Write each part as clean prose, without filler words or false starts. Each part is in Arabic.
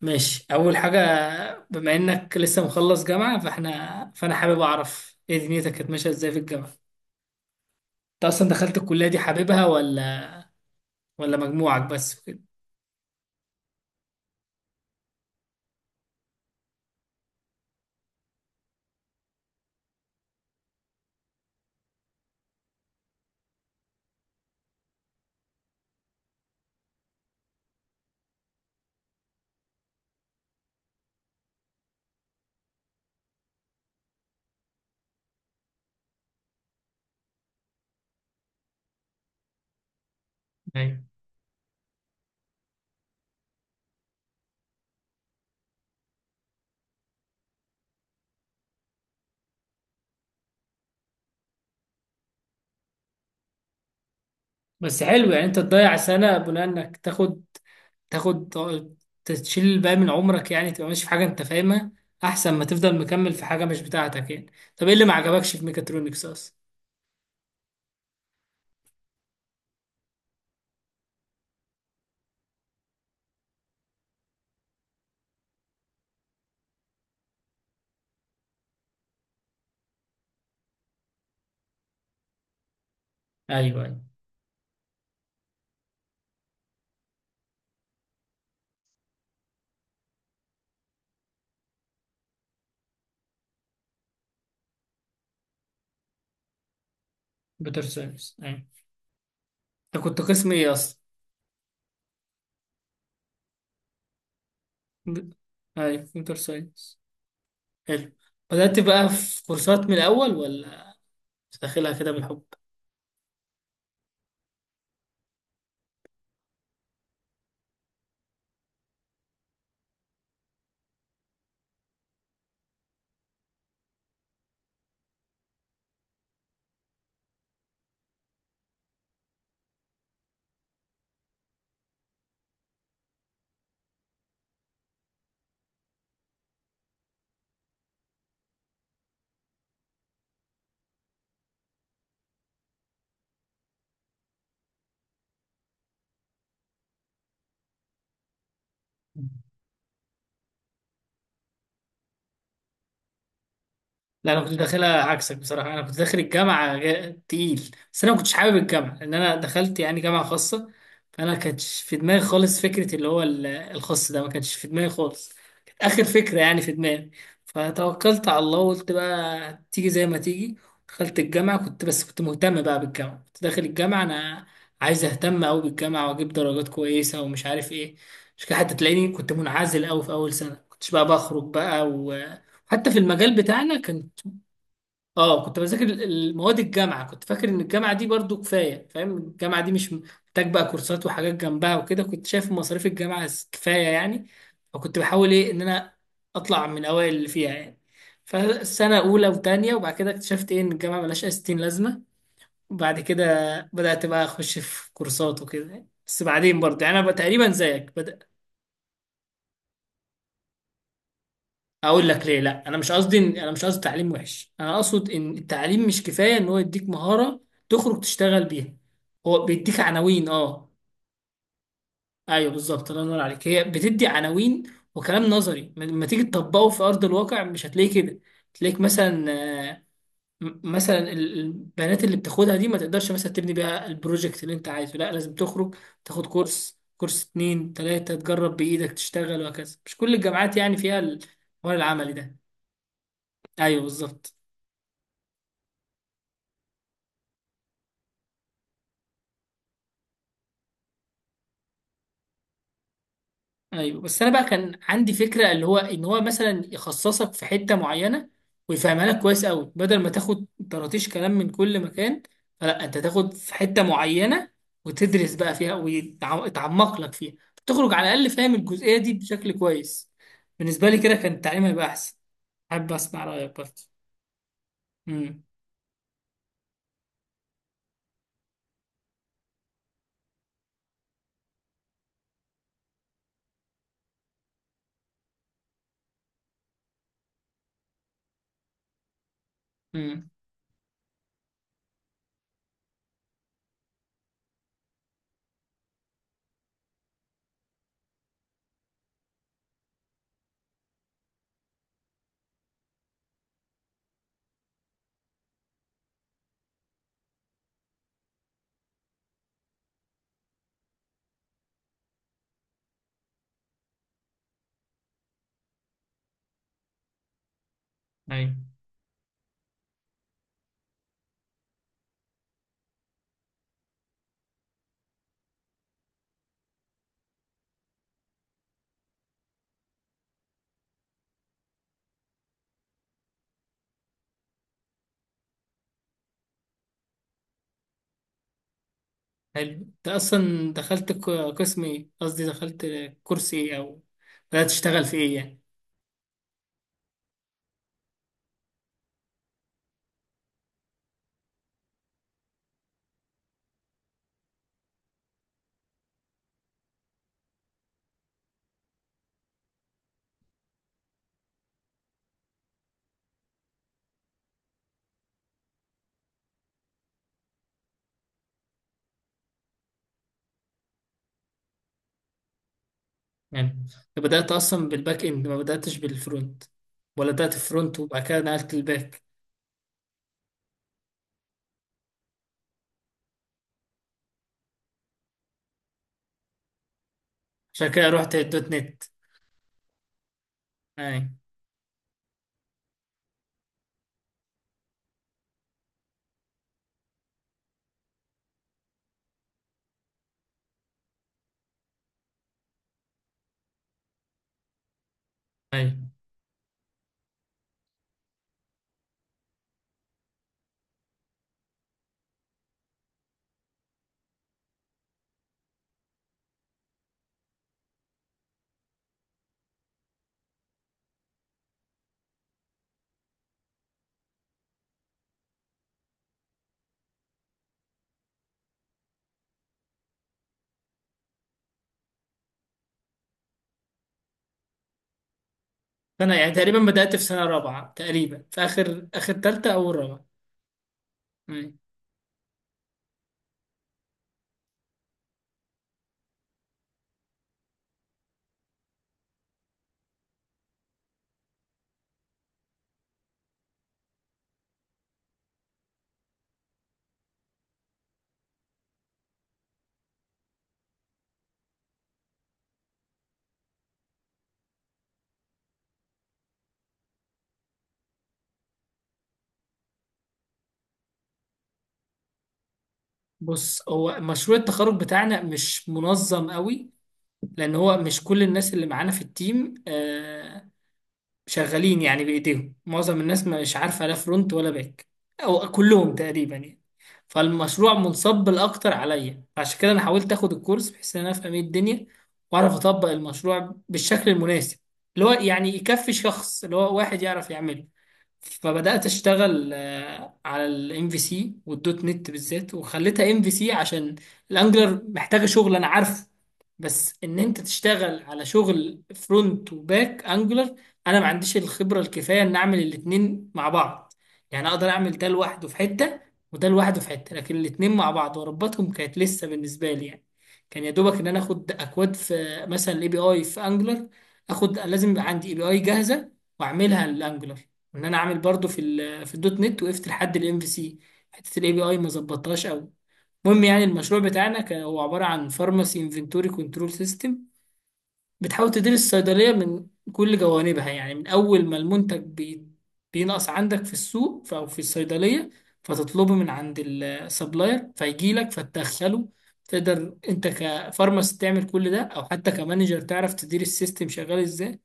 ماشي، اول حاجه. بما انك لسه مخلص جامعه فانا حابب اعرف ايه دنيتك كانت ماشيه ازاي في الجامعه. انت اصلا دخلت الكليه دي حاببها ولا، ولا مجموعك بس وكده؟ ايوه، بس حلو يعني انت تضيع سنه بناء انك تاخد تاخد تشيل الباقي من عمرك، يعني تبقى ماشي في حاجه انت فاهمها احسن ما تفضل مكمل في حاجه مش بتاعتك يعني. طب ايه اللي ما عجبكش في ميكاترونكس اصلا؟ ايوه، ايوه. كمبيوتر ساينس، ايوه. انت كنت قسم ايه اصلا؟ ب- ايوه، كمبيوتر ساينس. حلو. بدأت بقى في كورسات من الأول ولا داخلها كده بالحب؟ لا، انا كنت داخلها عكسك بصراحه. انا كنت داخل الجامعه تقيل، بس انا ما كنتش حابب الجامعه لان انا دخلت يعني جامعه خاصه. فانا كانتش في دماغي خالص فكره اللي هو الخاص ده، ما كانتش في دماغي خالص. كانت اخر فكره يعني في دماغي. فتوكلت على الله وقلت بقى تيجي زي ما تيجي. دخلت الجامعه، كنت بس كنت مهتم بقى بالجامعه، كنت داخل الجامعه انا عايز اهتم قوي بالجامعه واجيب درجات كويسه ومش عارف ايه. مش كده، حتى تلاقيني كنت منعزل قوي في اول سنه، كنتش بقى بخرج بقى، و حتى في المجال بتاعنا كان، اه، كنت بذاكر المواد. الجامعه كنت فاكر ان الجامعه دي برضو كفايه، فاهم، الجامعه دي مش محتاج بقى كورسات وحاجات جنبها وكده. كنت شايف مصاريف الجامعه كفايه يعني. فكنت بحاول ايه ان انا اطلع من اوائل اللي فيها يعني. فسنه اولى وتانية وبعد كده اكتشفت ايه ان الجامعه ملهاش اي ستين لازمه. وبعد كده بدات بقى اخش في كورسات وكده يعني. بس بعدين برضه يعني انا بقى تقريبا زيك بدأ. اقول لك ليه، لا انا مش قصدي انا مش قصدي تعليم وحش، انا اقصد ان التعليم مش كفايه ان هو يديك مهاره تخرج تشتغل بيها. هو بيديك عناوين، اه. ايوه بالظبط، الله ينور عليك، هي بتدي عناوين وكلام نظري، لما تيجي تطبقه في ارض الواقع مش هتلاقيه كده. تلاقيك مثلا آه، البنات اللي بتاخدها دي ما تقدرش مثلا تبني بيها البروجكت اللي انت عايزه. لا، لازم تخرج تاخد كورس، كورس اتنين تلاتة، تجرب بإيدك تشتغل وهكذا. مش كل الجامعات يعني فيها الحوار العملي ده. ايوه بالظبط. ايوه، بس انا بقى كان عندي فكره اللي هو ان هو مثلا يخصصك في حته معينه ويفهمها لك كويس قوي، بدل ما تاخد طراطيش كلام من كل مكان. فلا، انت تاخد في حته معينه وتدرس بقى فيها ويتعمق لك فيها، تخرج على الاقل فاهم الجزئيه دي بشكل كويس. بالنسبه لي كده كان التعليم هيبقى احسن. حابب اسمع رايك برضه. امم، امم، ايوه. حلو، انت اصلا دخلت قسم ايه؟ قصدي دخلت كورس ايه، او بدات تشتغل في ايه يعني؟ يعني أنت بدأت أصلا بالباك إند ما بدأتش بالفرونت، ولا بدأت الفرونت وبعد كده نقلت الباك؟ عشان كده رحت الدوت نت. أي، أي. فأنا يعني تقريبا بدأت في سنة رابعة تقريبا في آخر آخر تالتة أو رابعة. أي. بص، هو مشروع التخرج بتاعنا مش منظم قوي، لأن هو مش كل الناس اللي معانا في التيم شغالين يعني بايديهم، معظم الناس مش عارفه لا فرونت ولا باك، او كلهم تقريبا يعني. فالمشروع منصب الاكتر عليا، عشان كده انا حاولت اخد الكورس بحيث ان انا افهم ايه الدنيا واعرف اطبق المشروع بالشكل المناسب، اللي هو يعني يكفي شخص اللي هو واحد يعرف يعمله. فبدأت أشتغل على الام في سي والدوت نت بالذات، وخليتها ام في سي عشان الانجلر محتاجة شغل أنا عارفه. بس إن أنت تشتغل على شغل فرونت وباك انجلر، أنا ما عنديش الخبرة الكفاية إن أعمل الاتنين مع بعض. يعني أقدر أعمل ده لوحده في حتة، وده لوحده في حتة، لكن الاتنين مع بعض وأربطهم كانت لسه بالنسبة لي يعني. كان يا دوبك إن أنا آخد أكواد في مثلا الأي بي أي في انجلر، آخد، لازم يبقى عندي أي بي أي جاهزة وأعملها للانجلر. ان انا عامل برضو في الدوت نت، وقفت لحد الام في سي، حته الاي بي اي ما ظبطتهاش قوي. المهم يعني، المشروع بتاعنا كان هو عباره عن فارماسي انفنتوري كنترول سيستم، بتحاول تدير الصيدليه من كل جوانبها، يعني من اول ما المنتج بينقص عندك في السوق، او في الصيدليه، فتطلبه من عند السبلاير فيجي لك فتدخله. تقدر انت كفارماسي تعمل كل ده او حتى كمانجر تعرف تدير السيستم شغال ازاي.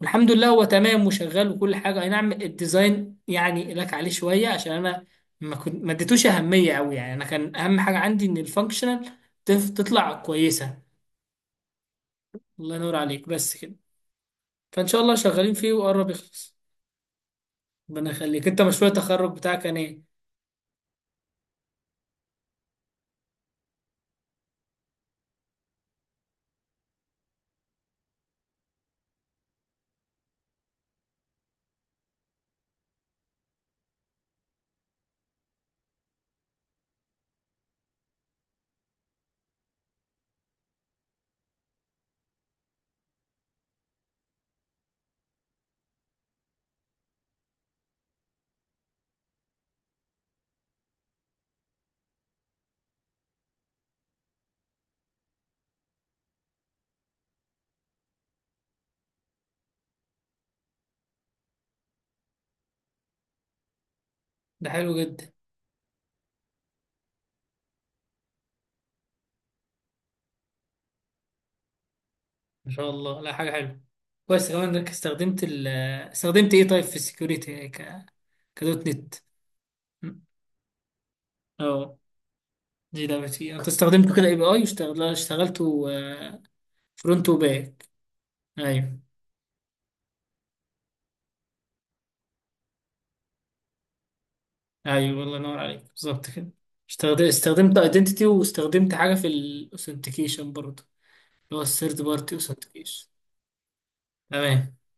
والحمد لله هو تمام وشغال وكل حاجه، اي نعم الديزاين يعني لك عليه شويه عشان انا ما اديتوش اهميه قوي. يعني انا كان اهم حاجه عندي ان الفانكشنال تطلع كويسه. الله ينور عليك، بس كده. فان شاء الله شغالين فيه وقرب يخلص. ربنا يخليك، انت مشروع التخرج بتاعك كان ايه؟ ده حلو جدا، ما شاء الله، لا حاجه حلوه. كويس كمان انك استخدمت استخدمت ايه طيب في السكيورتي، كدوت نت؟ اه، دي دعوتي، انت استخدمته كده اي بي اي اشتغلت اشتغلته فرونت وباك؟ ايوه، ايوه، الله ينور عليك، بالظبط كده. استخدمت ايدنتيتي واستخدمت حاجه في الاوثنتيكيشن برضه، اللي هو الثيرد بارتي اوثنتيكيشن. تمام.